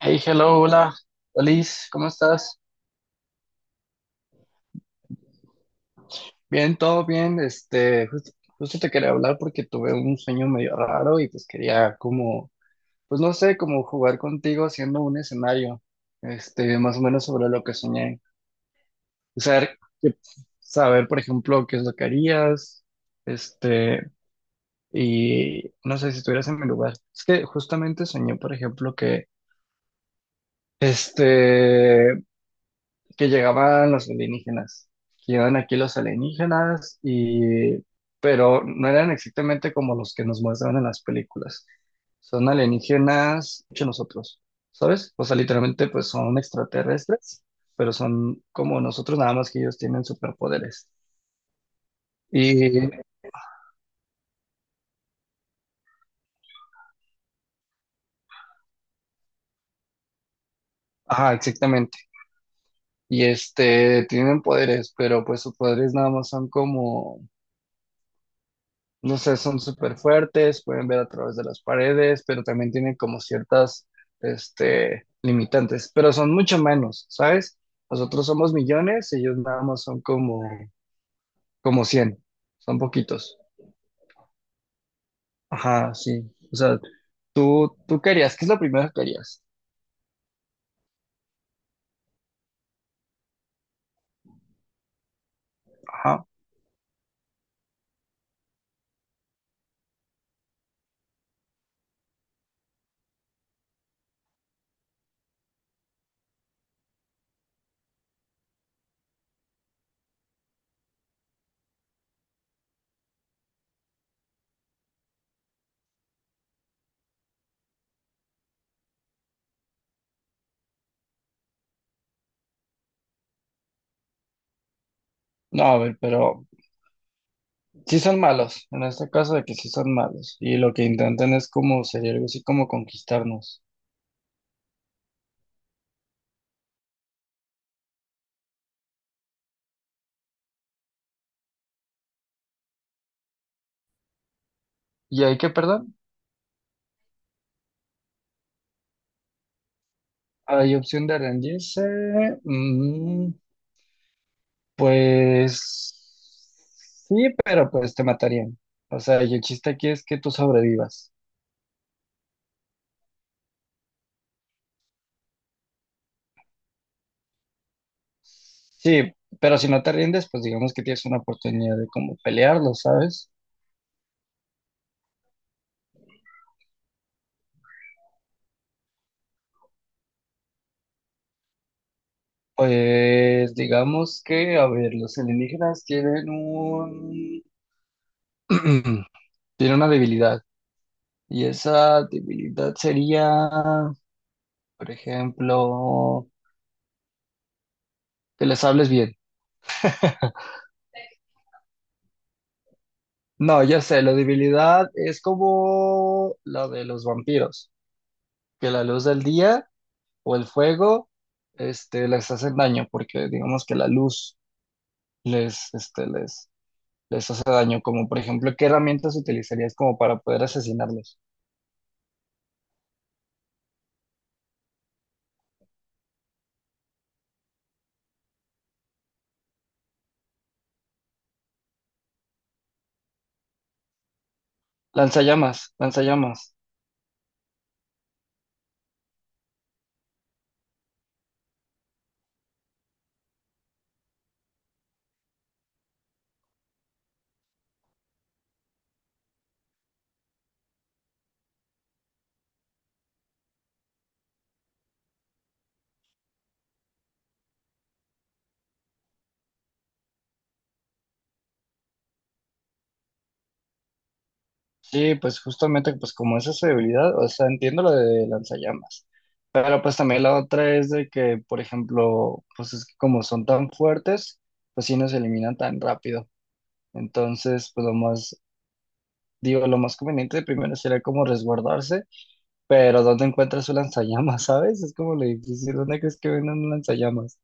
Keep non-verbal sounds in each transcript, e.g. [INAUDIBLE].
Hey, hello, hola, Alice, ¿cómo estás? Bien, todo bien. Justo te quería hablar porque tuve un sueño medio raro y pues quería como, pues no sé, como jugar contigo haciendo un escenario, más o menos sobre lo que soñé. O sea, que- saber, por ejemplo, qué es lo que harías, este, y no sé si estuvieras en mi lugar. Es que justamente soñé, por ejemplo, este, que llegaban los alienígenas, que llegaban aquí los alienígenas y pero no eran exactamente como los que nos muestran en las películas. Son alienígenas hecho nosotros, ¿sabes? O sea, literalmente pues son extraterrestres, pero son como nosotros, nada más que ellos tienen superpoderes. Y, ajá, exactamente. Y tienen poderes, pero pues sus poderes nada más son como. No sé, son súper fuertes, pueden ver a través de las paredes, pero también tienen como ciertas, limitantes, pero son mucho menos, ¿sabes? Nosotros somos millones, ellos nada más son como, cien, son poquitos. Ajá, sí. O sea, tú querías, ¿qué es lo primero que harías? Ajá. No, a ver, pero sí son malos, en este caso de que sí son malos, y lo que intentan es como, sería algo así como conquistarnos. ¿Y hay que, perdón? Hay opción de rendirse. mm, Pues sí, pero pues te matarían. O sea, y el chiste aquí es que tú sobrevivas. Sí, pero si no te rindes, pues digamos que tienes una oportunidad de como pelearlo, ¿sabes? Pues digamos que, a ver, los alienígenas tienen un, [CLEARS THROAT] tienen una debilidad. Y esa debilidad sería, por ejemplo, que les hables bien. [LAUGHS] No, ya sé, la debilidad es como la de los vampiros. Que la luz del día o el fuego les hacen daño, porque digamos que la luz les, este, les, les hace daño, como por ejemplo, ¿qué herramientas utilizarías como para poder asesinarlos? Lanzallamas, lanzallamas. Sí, pues justamente pues como esa es su debilidad, o sea, entiendo lo de lanzallamas. Pero pues también la otra es de que, por ejemplo, pues es que como son tan fuertes, pues sí nos eliminan tan rápido. Entonces, pues lo más, digo, lo más conveniente primero sería como resguardarse. Pero ¿dónde encuentras un lanzallamas, [LAUGHS] sabes? Es como le difícil. ¿Dónde crees que venden un lanzallamas?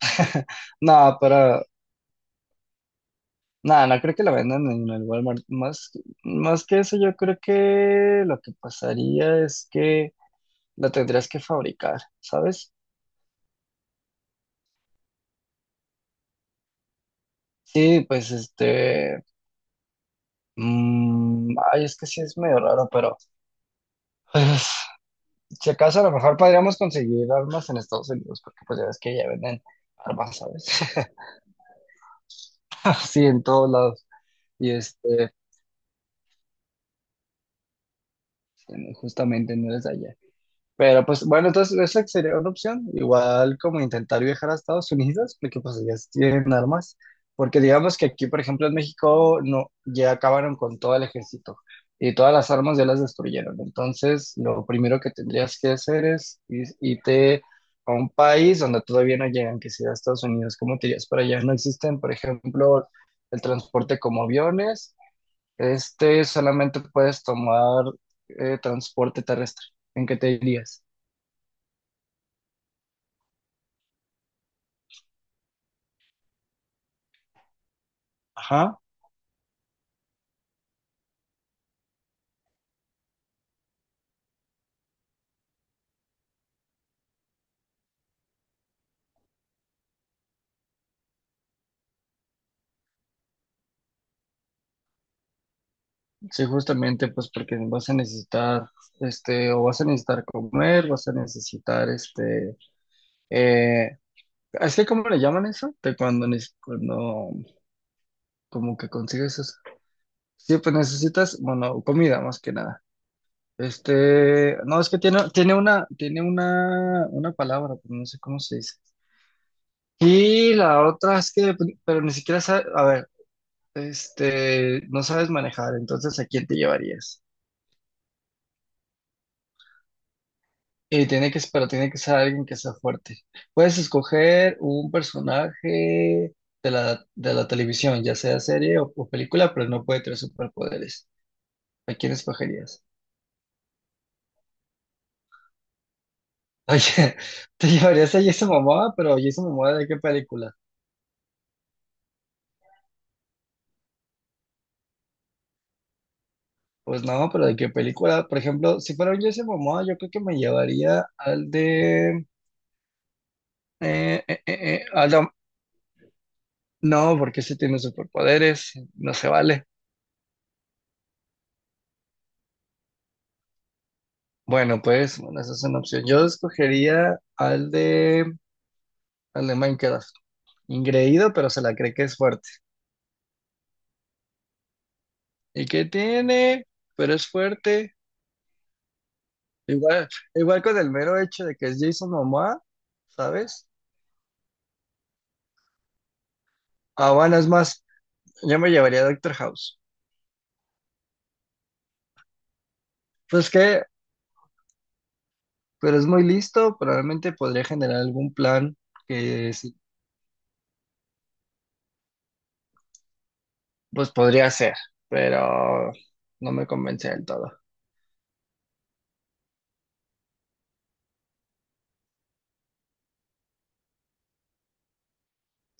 [LAUGHS] No, pero. No, no creo que lo vendan en el Walmart. Más que eso, yo creo que lo que pasaría es que lo tendrías que fabricar, ¿sabes? Sí, pues ay, es que sí es medio raro, pero pues, si acaso a lo mejor podríamos conseguir armas en Estados Unidos, porque pues ya ves que ya venden armas, ¿sabes? [LAUGHS] Sí, en todos lados. Y justamente no eres de allá. Pero pues bueno, entonces esa sería una opción, igual como intentar viajar a Estados Unidos, porque pues ellas tienen armas, porque digamos que aquí, por ejemplo, en México no, ya acabaron con todo el ejército y todas las armas ya las destruyeron. Entonces, lo primero que tendrías que hacer es irte a un país donde todavía no llegan, que sea Estados Unidos. ¿Cómo te irías para allá? No existen, por ejemplo, el transporte como aviones, solamente puedes tomar transporte terrestre. ¿En qué te irías? Ajá. Sí, justamente pues porque vas a necesitar, o vas a necesitar comer, vas a necesitar, eh, ¿es que cómo le llaman eso? De cuando, cuando, como que consigues eso. Sí, pues necesitas, bueno, comida más que nada. No, es que tiene, tiene una palabra, pero no sé cómo se dice. Y la otra es que, pero ni siquiera sabe, a ver, no sabes manejar, entonces ¿a quién te llevarías? Y tiene que, pero tiene que ser alguien que sea fuerte. Puedes escoger un personaje de la televisión, ya sea serie o película, pero no puede tener superpoderes. ¿A quién escogerías? Oye, [LAUGHS] ¿te llevarías a Jason Momoa? Pero Jason Momoa, ¿de qué película? Pues no, pero ¿de qué película? Por ejemplo, si fuera un Jason Momoa, yo creo que me llevaría al de. No, porque ese tiene superpoderes, no se vale. Bueno, pues, bueno, esa es una opción. Yo escogería al de Minecraft. Ingreído, pero se la cree que es fuerte. ¿Y qué tiene? Pero es fuerte. Igual, igual con el mero hecho de que es Jason Momoa, ¿sabes? Habana es más, yo me llevaría a Doctor House. Pues que, pero es muy listo, probablemente podría generar algún plan que sí, pues podría ser, pero no me convence del todo.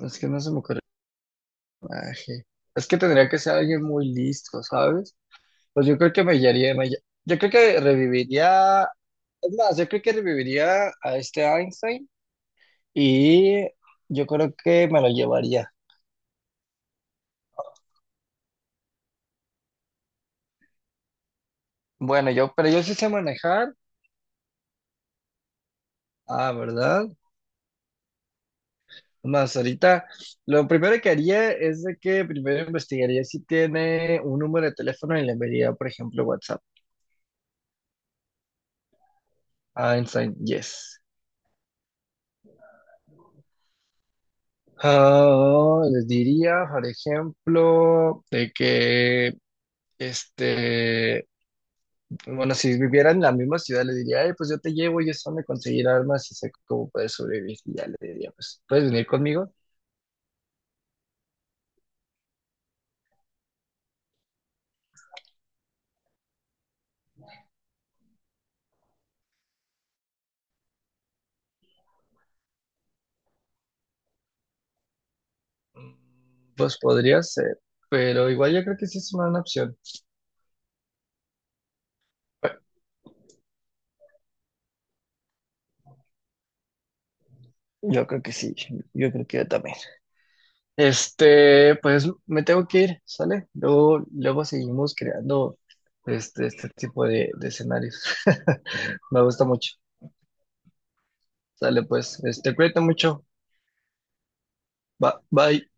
Es que no se me ocurre. Ay, es que tendría que ser alguien muy listo, ¿sabes? Pues yo creo que me guiaría, yo creo que reviviría, es más, yo creo que reviviría a este Einstein y yo creo que me lo llevaría. Bueno, pero yo sí sé manejar, ah, ¿verdad? Más ahorita, lo primero que haría es de que primero investigaría si tiene un número de teléfono y le enviaría, por ejemplo, WhatsApp. Einstein, yes. Ah, les diría, por ejemplo, de que Este, bueno, si viviera en la misma ciudad, le diría, "Ey, pues yo te llevo y es donde conseguir armas y sé cómo puedes sobrevivir." Y ya le diría, pues, ¿puedes venir conmigo? Mm, pues podría ser, pero igual yo creo que sí es una buena opción. Bueno, yo creo que sí, yo creo que yo también. Pues me tengo que ir, ¿sale? Luego, luego seguimos creando este tipo de escenarios. [LAUGHS] Me gusta mucho. Sale, pues, cuídate mucho. Bye.